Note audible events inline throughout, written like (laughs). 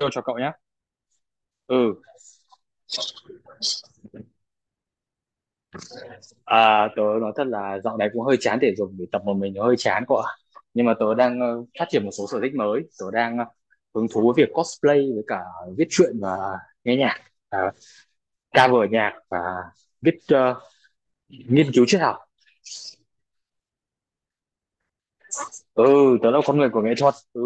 Tôi cho cậu nhé. Ừ. À, tớ nói thật là dạo này cũng hơi chán thể dục vì tập một mình nó hơi chán cậu ạ. Nhưng mà tớ đang phát triển một số sở thích mới, tớ đang hứng thú với việc cosplay, với cả viết truyện, và nghe nhạc, à, cover nhạc, và viết ờ, nghiên cứu triết học. Ừ, tớ là con người của nghệ thuật. Ừ.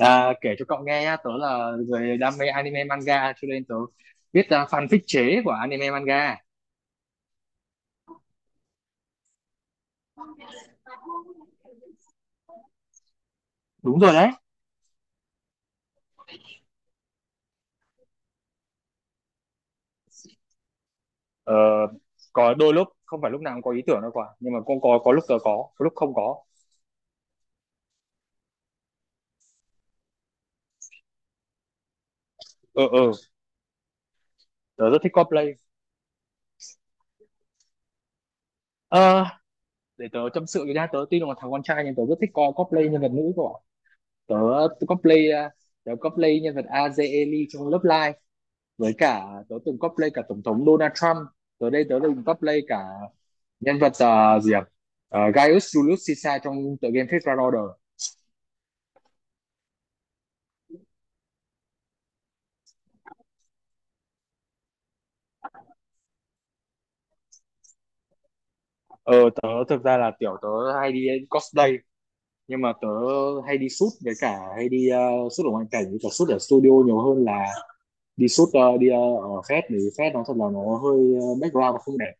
À, kể cho cậu nghe nhá, tớ là người đam mê anime manga, cho nên tớ viết fanfic chế của anime manga. Đúng rồi đấy. Ờ, có đôi lúc không phải lúc nào cũng có ý tưởng đâu quả, nhưng mà cũng có lúc tớ có lúc không có. ờ ờ Tớ rất thích cosplay. Ờ, để tớ tâm sự với nha, tớ tuy là một thằng con trai nhưng tớ rất thích cosplay nhân vật nữ của tớ, tớ cosplay, à, tớ cosplay nhân vật Azeli trong lớp live, với cả tớ từng cosplay cả tổng thống Donald Trump. Tớ đây tớ từng cosplay cả nhân vật, à, gì à? Ờ, Gaius Julius Caesar trong tựa game Fate Grand Order. ờ Tớ thực ra là tiểu tớ hay đi cosplay, nhưng mà tớ hay đi shoot, với cả hay đi shoot ở ngoại cảnh, với cả shoot ở studio nhiều hơn là đi shoot đi ở fest. Thì fest nó thật là nó hơi, background nó không đẹp.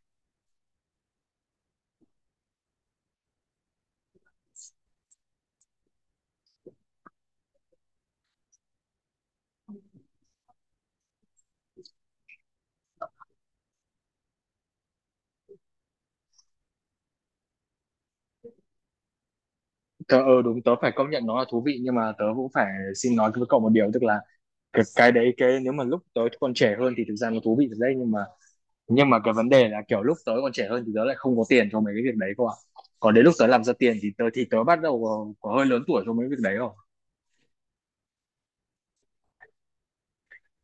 Tớ, đúng, tớ phải công nhận nó là thú vị, nhưng mà tớ cũng phải xin nói với cậu một điều, tức là cái đấy, nếu mà lúc tớ còn trẻ hơn thì thực ra nó thú vị thật đấy, nhưng mà cái vấn đề là kiểu lúc tớ còn trẻ hơn thì tớ lại không có tiền cho mấy cái việc đấy cơ ạ. Còn đến lúc tớ làm ra tiền thì tớ bắt đầu có hơi lớn tuổi cho mấy việc đấy. Không.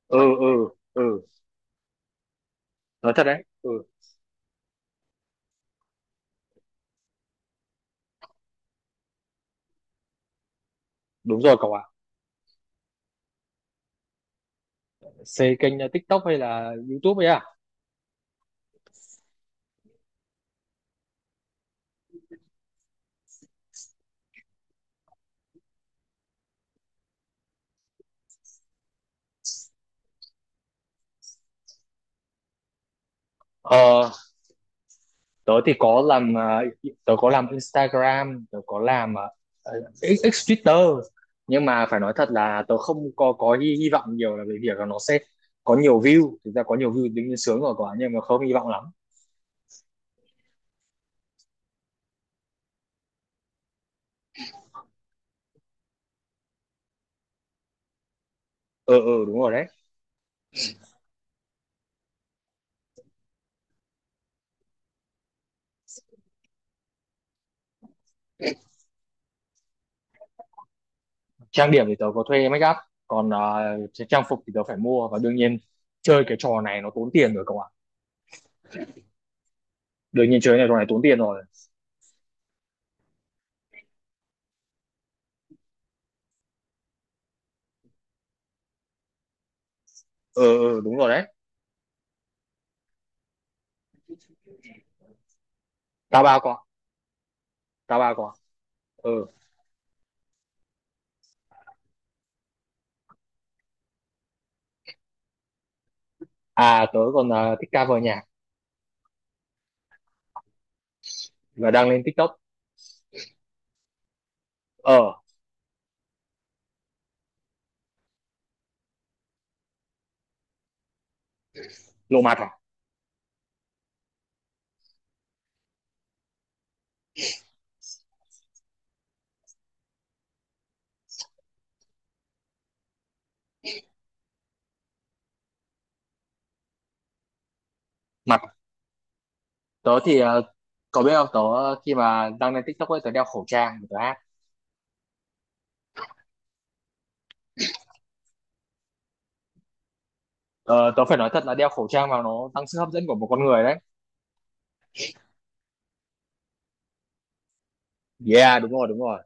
Ừ. Ừ. Ừ. Nói thật đấy. Ừ. Đúng rồi cậu ạ. Xây kênh TikTok hay là YouTube ấy à? Ờ, tớ thì có làm, uh, tớ có làm Instagram, tớ có làm X Twitter, nhưng mà phải nói thật là tớ không có hy vọng nhiều là về việc là nó sẽ có nhiều view. Thực ra có nhiều view tính sướng rồi quá nhưng mà không hy vọng lắm. Ờ. Ừ, ừ, đúng rồi đấy. Trang điểm thì tớ có thuê make up, còn trang phục thì tớ phải mua, và đương nhiên chơi cái trò này nó tốn tiền rồi cậu ạ. Đương nhiên chơi cái trò này tốn tiền rồi. Ờ. Ừ, ừ, đúng rồi đấy. Tao bao con, tao bao con. Ừ. À, tớ còn thích cover nhạc và đăng lên TikTok. Ờ, lộ mặt à? Mặt tớ thì, ờ, cậu biết không, tớ khi mà đăng lên TikTok ấy, tớ đeo khẩu trang để tớ hát. Ờ, tớ phải nói thật là đeo khẩu trang vào nó tăng sức hấp dẫn của một con người đấy. Yeah, đúng rồi, đúng rồi.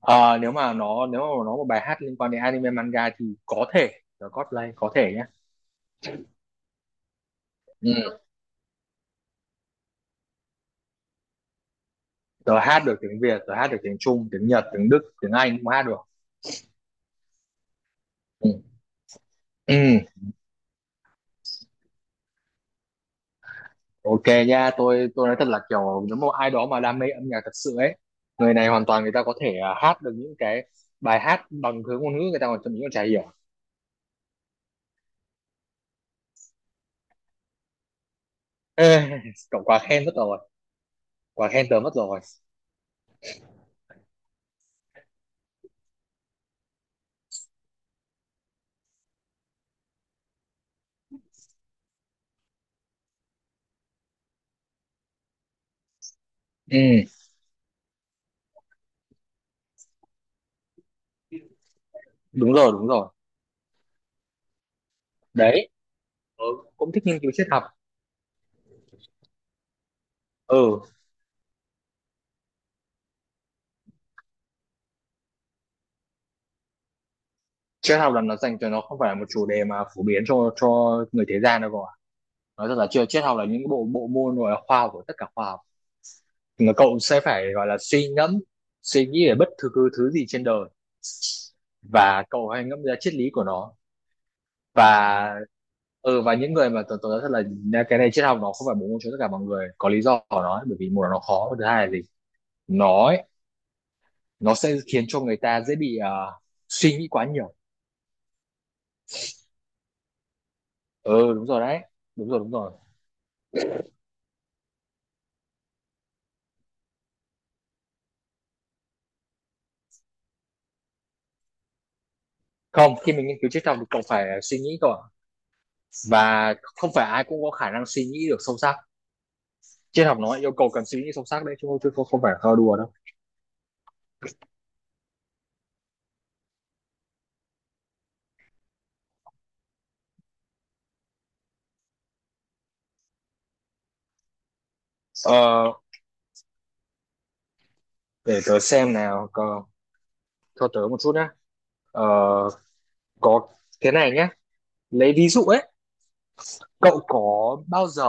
Ờ, nếu mà nó một bài hát liên quan đến anime manga thì có thể tớ cosplay có thể nhé. Ừ. Tớ hát được tiếng Việt, tớ hát được tiếng Trung, tiếng Nhật, tiếng Đức, tiếng Anh cũng hát được. Ừ. Ừ. Ok nha, tôi nói thật là kiểu nếu mà ai đó mà đam mê âm nhạc thật sự ấy, người này hoàn toàn người ta có thể, à, hát được những cái bài hát bằng thứ ngôn ngữ người ta còn thậm chí còn chả hiểu. Ê, (laughs) cậu quá khen mất rồi, quá khen tớ mất rồi. Ừ, đúng rồi, đúng rồi. Đấy, tớ cũng thích nghiên cứu triết học. Ừ, triết học là nó dành cho, nó không phải là một chủ đề mà phổ biến cho người thế gian đâu cậu ạ. Nói thật là chưa, triết học là những bộ bộ môn, rồi là khoa học của tất cả khoa học. Mà cậu sẽ phải gọi là suy ngẫm, suy nghĩ về bất cứ thứ thứ gì trên đời, và cậu hãy ngẫm ra triết lý của nó. Và, ừ, và những người mà tôi nói thật là cái này triết học nó không phải bốn môn cho tất cả mọi người, có lý do của nó ấy, bởi vì một là nó khó, và thứ hai là gì, nó ấy, nó sẽ khiến cho người ta dễ bị, à, suy nghĩ quá nhiều. Ừ, đúng rồi đấy. Đúng rồi, đúng rồi. Không, khi mình nghiên cứu triết học thì cậu phải suy nghĩ cậu ạ, và không phải ai cũng có khả năng suy nghĩ được sâu sắc. Triết học nó yêu cầu cần suy nghĩ sâu sắc đấy, chứ không không phải là thơ đùa đâu. Ờ, để tớ xem nào, cờ, cho tớ một chút nhé. Ờ, có, thế này nhé, lấy ví dụ ấy, cậu có bao giờ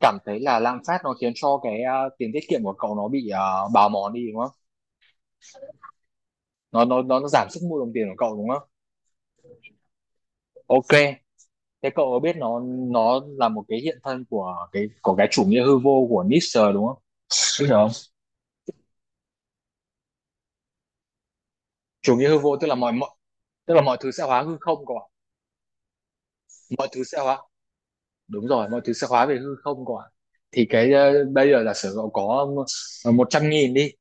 cảm thấy là lạm phát nó khiến cho cái, ờ, tiền tiết kiệm của cậu nó bị, ờ, bào mòn đi đúng không? Nó giảm sức mua đồng tiền của cậu đúng không? Ok, thế cậu có biết nó là một cái hiện thân của cái, của cái chủ nghĩa hư vô của Nietzsche đúng không? Biết rồi không? Chủ nghĩa hư vô tức là mọi thứ sẽ hóa hư không cậu ạ. Mọi thứ sẽ hóa, đúng rồi, mọi thứ sẽ hóa về hư không cậu ạ. Thì cái, ờ, bây giờ giả sử cậu có, ờ, một trăm nghìn đi,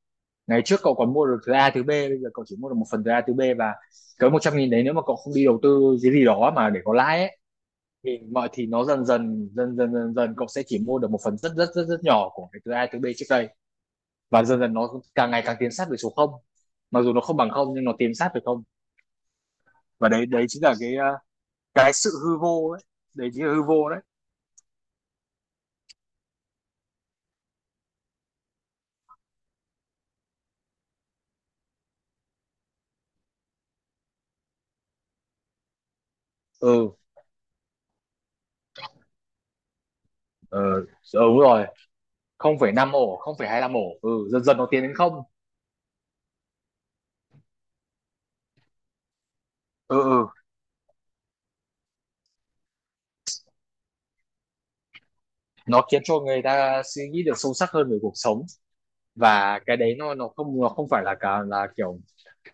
ngày trước cậu còn mua được thứ A thứ B, bây giờ cậu chỉ mua được một phần thứ A thứ B, và cái một trăm nghìn đấy nếu mà cậu không đi đầu tư cái gì đó mà để có lãi ấy, thì mọi, thì nó dần dần dần dần dần dần cậu sẽ chỉ mua được một phần rất rất rất rất nhỏ của cái thứ A thứ B trước đây. Và dần dần nó càng ngày càng tiến sát về số không, mặc dù nó không bằng không nhưng nó tiến sát về không. Và đấy, đấy chính là cái, ờ, cái sự hư vô ấy, đấy chính là hư vô đấy. Ừ. Ờ, đúng rồi. 0,5 ổ, 0,25 ổ, ừ, dần dần nó tiến đến không. Ừ. Ừ. Nó khiến cho người ta suy nghĩ được sâu sắc hơn về cuộc sống. Và cái đấy nó không, nó không phải là cả, là kiểu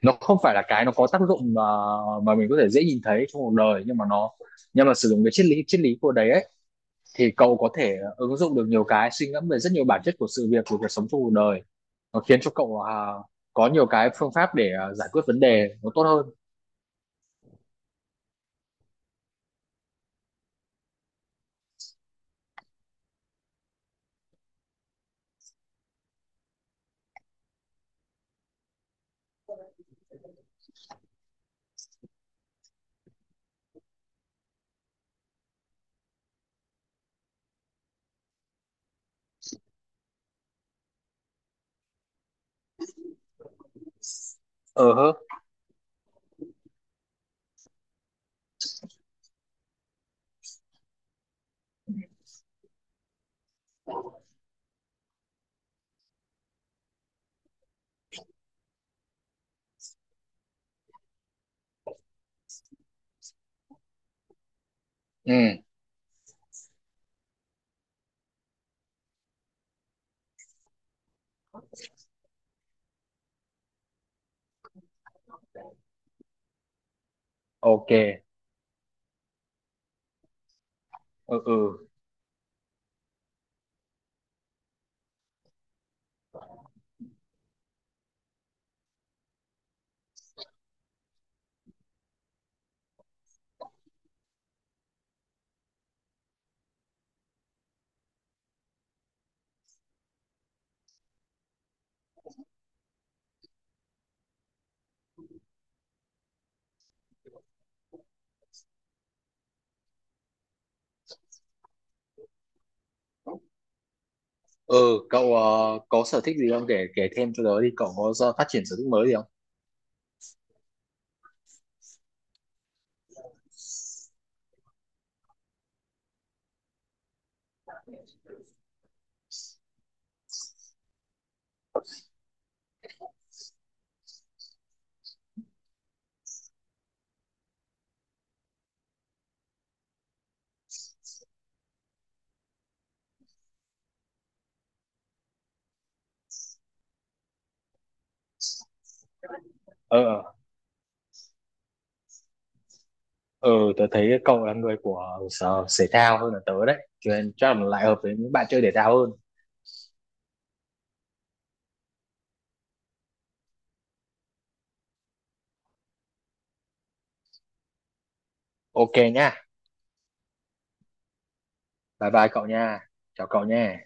nó không phải là cái nó có tác dụng mà mình có thể dễ nhìn thấy trong cuộc đời, nhưng mà nó, nhưng mà sử dụng cái triết lý của đấy ấy, thì cậu có thể ứng dụng được nhiều cái suy ngẫm về rất nhiều bản chất của sự việc của cuộc sống trong cuộc đời. Nó khiến cho cậu, à, có nhiều cái phương pháp để, à, giải quyết vấn đề nó tốt hơn. Ờ hơ. Ừ. Ok. Ừ. Ừ. Ừ. Cậu, ờ, có sở thích gì không, kể kể thêm cho tớ đi, cậu có do phát triển sở thích mới gì không? Ờ. Ờ. Ờ, tớ thấy cậu là người của sở thể thao hơn là tớ đấy, cho nên chắc là lại hợp với những bạn chơi thể thao hơn. Ok nha. Bye bye cậu nha. Chào cậu nha.